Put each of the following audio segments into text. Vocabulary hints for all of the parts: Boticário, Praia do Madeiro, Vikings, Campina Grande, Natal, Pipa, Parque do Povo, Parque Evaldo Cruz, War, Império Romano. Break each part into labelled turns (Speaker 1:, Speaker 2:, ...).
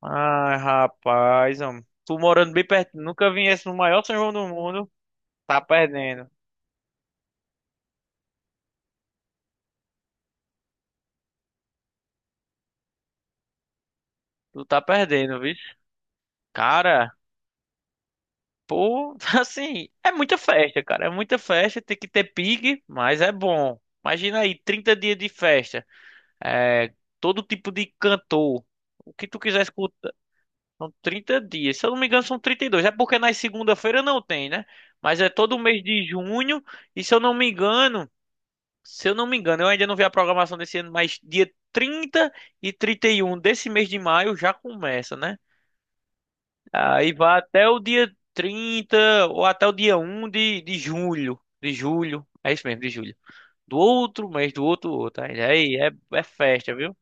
Speaker 1: Ai, rapaz, homem. Tu morando bem perto, nunca viesse no maior São João do mundo, tá perdendo. Tu tá perdendo, viu? Cara, pô, assim, é muita festa, cara. É muita festa, tem que ter pique, mas é bom. Imagina aí, 30 dias de festa. É, todo tipo de cantor. O que tu quiser escutar. São 30 dias. Se eu não me engano, são 32. É porque na segunda-feira não tem, né? Mas é todo mês de junho. E se eu não me engano. Se eu não me engano, eu ainda não vi a programação desse ano, mas dia 30 e 31 desse mês de maio já começa, né? Aí vai até o dia 30 ou até o dia 1º de julho. De julho. É isso mesmo, de julho. Do outro mês, do outro. Aí é, é festa, viu?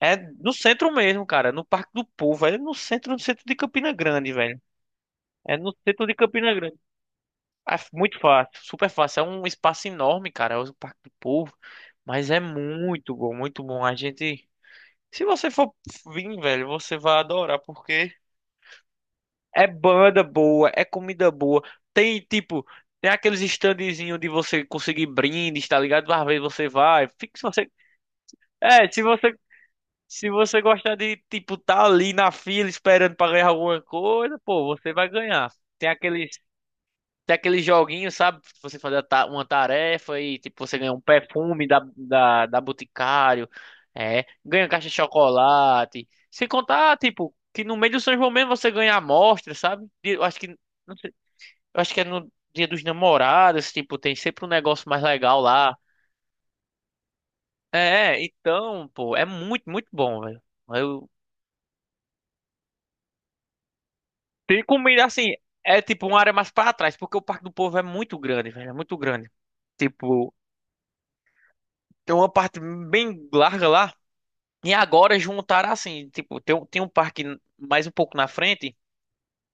Speaker 1: É no centro mesmo, cara. No Parque do Povo. É no centro, no centro de Campina Grande, velho. É no centro de Campina Grande. Muito fácil, super fácil. É um espaço enorme, cara. É o Parque do Povo. Mas é muito bom, muito bom. A gente. Se você for vir, velho, você vai adorar, porque é banda boa, é comida boa. Tem, tipo, tem aqueles standzinhos de você conseguir brindes, tá ligado? Às vezes você vai. Fica, se você. É, se você. Se você gostar de, tipo, tá ali na fila esperando pra ganhar alguma coisa, pô, você vai ganhar. Tem aqueles. Tem aquele joguinho, sabe? Você fazer uma tarefa e tipo, você ganha um perfume da Boticário, é, ganha caixa de chocolate. Sem contar, tipo, que no meio do São João mesmo você ganha amostra, sabe? E eu acho que, não sei, eu acho que é no Dia dos Namorados, tipo, tem sempre um negócio mais legal lá. É, então, pô, é muito, muito bom, velho. Eu Tem comida assim, é tipo uma área mais pra trás, porque o Parque do Povo é muito grande, velho, é muito grande. Tipo, tem uma parte bem larga lá. E agora juntaram assim, tipo, tem um parque mais um pouco na frente,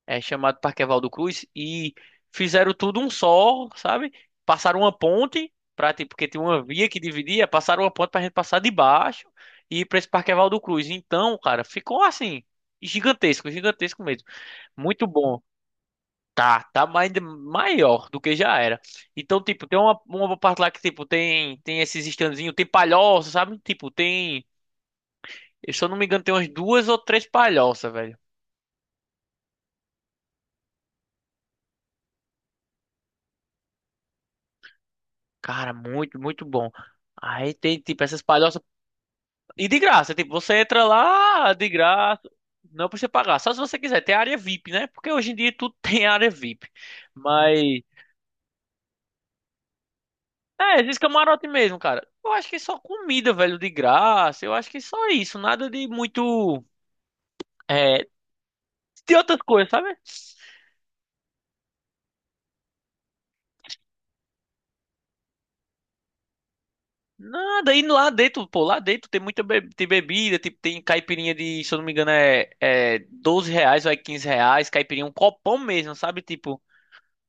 Speaker 1: é chamado Parque Evaldo Cruz, e fizeram tudo um só, sabe? Passaram uma ponte pra, tipo, porque tinha uma via que dividia, passaram uma ponte pra gente passar de baixo e ir pra esse Parque Evaldo Cruz. Então, cara, ficou assim, gigantesco, gigantesco mesmo. Muito bom. Tá mais, maior do que já era. Então, tipo, tem uma parte lá que, tipo, tem esses estandezinhos, tem palhoça, sabe? Tipo, tem. E se eu não me engano, tem umas duas ou três palhoças, velho. Cara, muito, muito bom. Aí tem, tipo, essas palhoças. E de graça, tipo, você entra lá de graça. Não precisa pagar. Só se você quiser. Tem área VIP, né? Porque hoje em dia tudo tem área VIP. Mas. É, esses camarote mesmo, cara. Eu acho que só comida, velho, de graça. Eu acho que só isso. Nada de muito. É. De outras coisas, sabe? Nada, e lá dentro, pô, lá dentro tem tem bebida, tipo, tem caipirinha de, se eu não me engano, é R$ 12 ou é R$ 15, caipirinha, um copão mesmo, sabe? Tipo,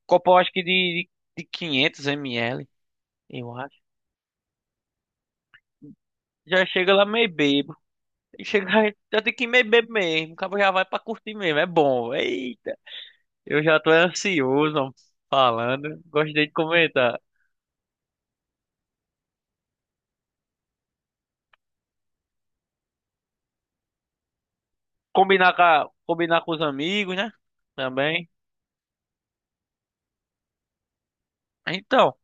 Speaker 1: copão acho que de, quinhentos 500 ml, eu acho. Já chega lá meio bebo, e chega, já tem que ir meio bebo mesmo, o cabo já vai pra curtir mesmo, é bom, eita. Eu já tô ansioso, ó, falando, gostei de comentar. Combinar combinar com os amigos, né? Também. Então,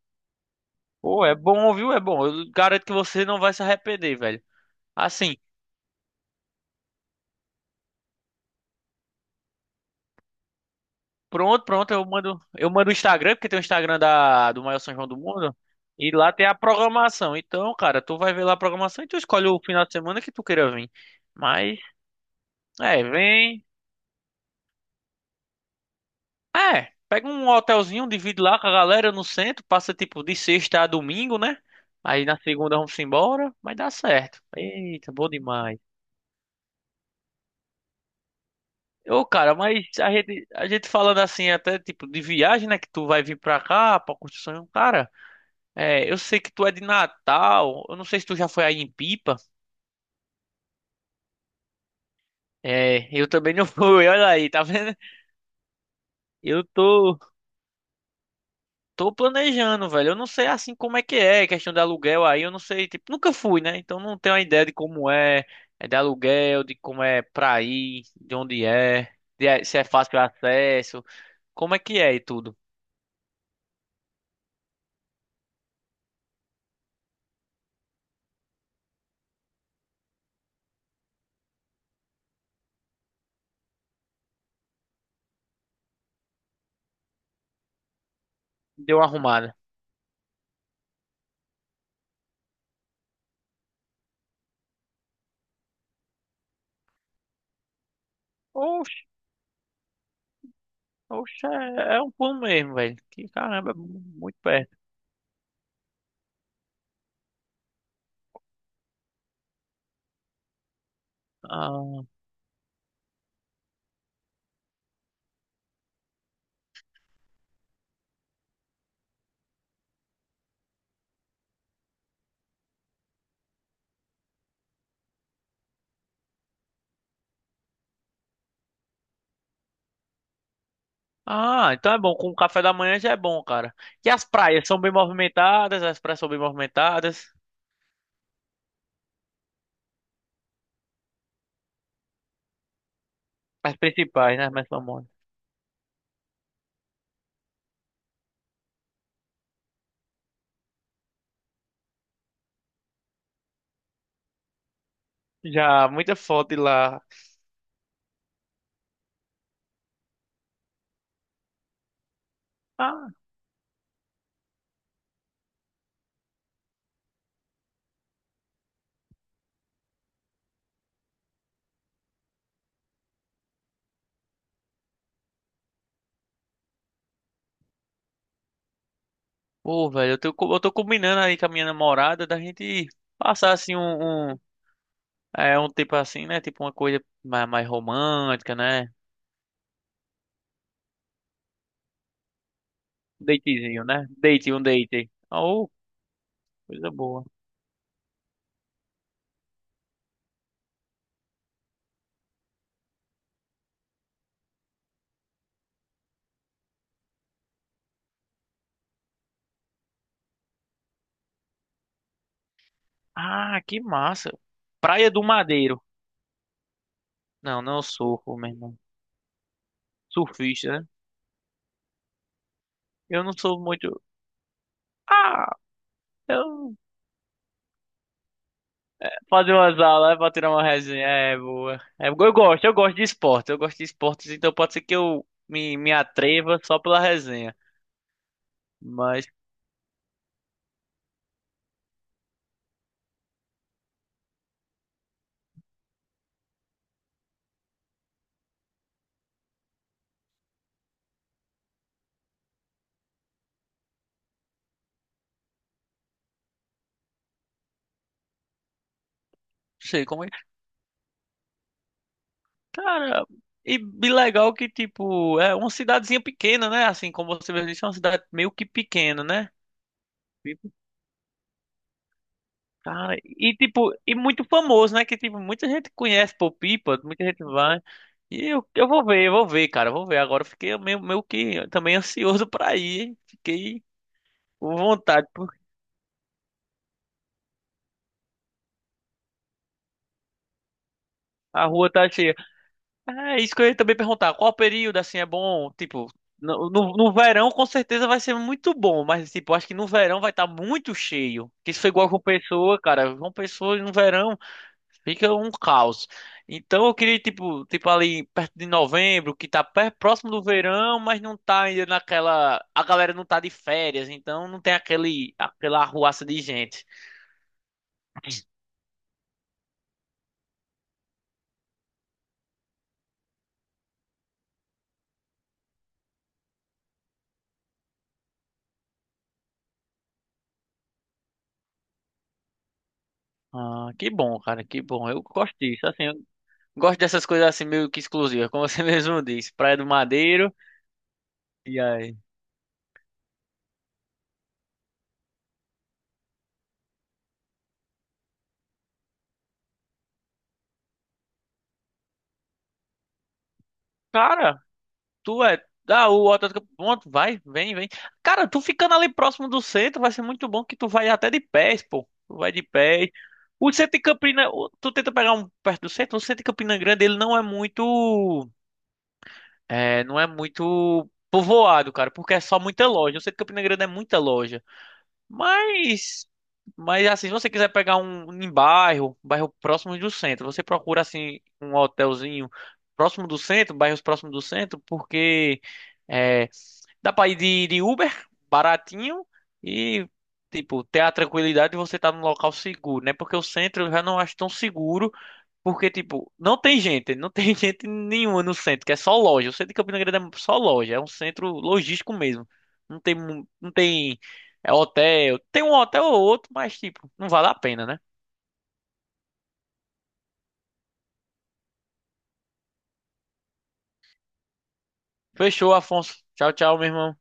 Speaker 1: pô, é bom, viu? É bom. Eu garanto que você não vai se arrepender, velho. Assim, eu mando o Instagram, porque tem o Instagram da, do maior São João do mundo, e lá tem a programação. Então, cara, tu vai ver lá a programação e tu escolhe o final de semana que tu queira vir. Mas, é, vem. É, pega um hotelzinho, divide lá com a galera no centro, passa tipo de sexta a domingo, né? Aí na segunda vamos embora, mas dá certo. Eita, bom demais. Ô, cara, mas a gente falando assim, até tipo de viagem, né? Que tu vai vir pra cá, pra construção. Cara, é, eu sei que tu é de Natal. Eu não sei se tu já foi aí em Pipa. É, eu também não fui. Olha aí, tá vendo? Eu tô, Tô planejando, velho. Eu não sei assim como é que é, questão de aluguel aí. Eu não sei, tipo, nunca fui, né? Então não tenho a ideia de como é, de aluguel, de como é pra ir, de onde é, se é fácil o acesso, como é que é e tudo. Deu uma arrumada. Oxe, é um pulo mesmo, velho. Que caramba, é mu- muito perto. Ah, então é bom. Com o café da manhã já é bom, cara. E as praias são bem movimentadas, as praias são bem movimentadas. As principais, né? As mais famosas. Já, muita foto de lá. Ah, pô, velho, eu tô combinando aí com a minha namorada da gente passar assim é, um tipo assim, né? Tipo uma coisa mais, mais romântica, né? Datezinho, né? Date, um date. Oh, coisa boa. Ah, que massa. Praia do Madeiro. Não, não surfo, meu irmão. Surfista, né? Eu não sou muito. Ah, eu fazer umas aulas é pra tirar uma resenha é boa. É, eu gosto de esportes, então pode ser que me atreva só pela resenha. Mas não sei como é. Cara, e legal que, tipo, é uma cidadezinha pequena, né? Assim, como você mesmo disse, é uma cidade meio que pequena, né? Cara, e tipo, e muito famoso, né? Que tipo, muita gente conhece por Pipa, muita gente vai. E eu vou ver, cara, eu vou ver. Agora eu fiquei meio, meio que também ansioso pra ir, hein? Fiquei com vontade, pô. A rua tá cheia. Ah, isso que eu ia também perguntar. Qual período, assim, é bom? Tipo, no verão com certeza vai ser muito bom, mas tipo, acho que no verão vai estar muito cheio. Que isso foi igual com Pessoa, cara. Com Pessoa no verão fica um caos. Então eu queria, tipo, tipo ali perto de novembro, que tá per- próximo do verão, mas não tá ainda naquela. A galera não tá de férias, então não tem aquele, aquela arruaça de gente. Ah, que bom, cara, que bom. Eu gosto disso, assim, eu gosto dessas coisas assim meio que exclusivas, como você mesmo disse, Praia do Madeiro. E aí? Cara, tu é. Ah, o Atlético. Pronto, vai, vem, vem. Cara, tu ficando ali próximo do centro vai ser muito bom que tu vai até de pés, pô. Tu vai de pés. O centro de Campina. Tu tenta pegar um perto do centro. O centro de Campina Grande, ele não é muito. É, não é muito povoado, cara, porque é só muita loja. O centro de Campina Grande é muita loja. Mas. Mas assim, se você quiser pegar um em bairro, bairro próximo do centro, você procura assim um hotelzinho próximo do centro, bairros próximos do centro, porque, é, dá pra ir de Uber, baratinho, e, tipo, ter a tranquilidade de você estar num local seguro, né? Porque o centro eu já não acho tão seguro, porque, tipo, não tem gente, não tem gente nenhuma no centro, que é só loja. O centro de Campina Grande é só loja, é um centro logístico mesmo. Não tem, mu- não tem, é hotel, tem um hotel ou outro, mas, tipo, não vale a pena, né? Fechou, Afonso. Tchau, tchau, meu irmão.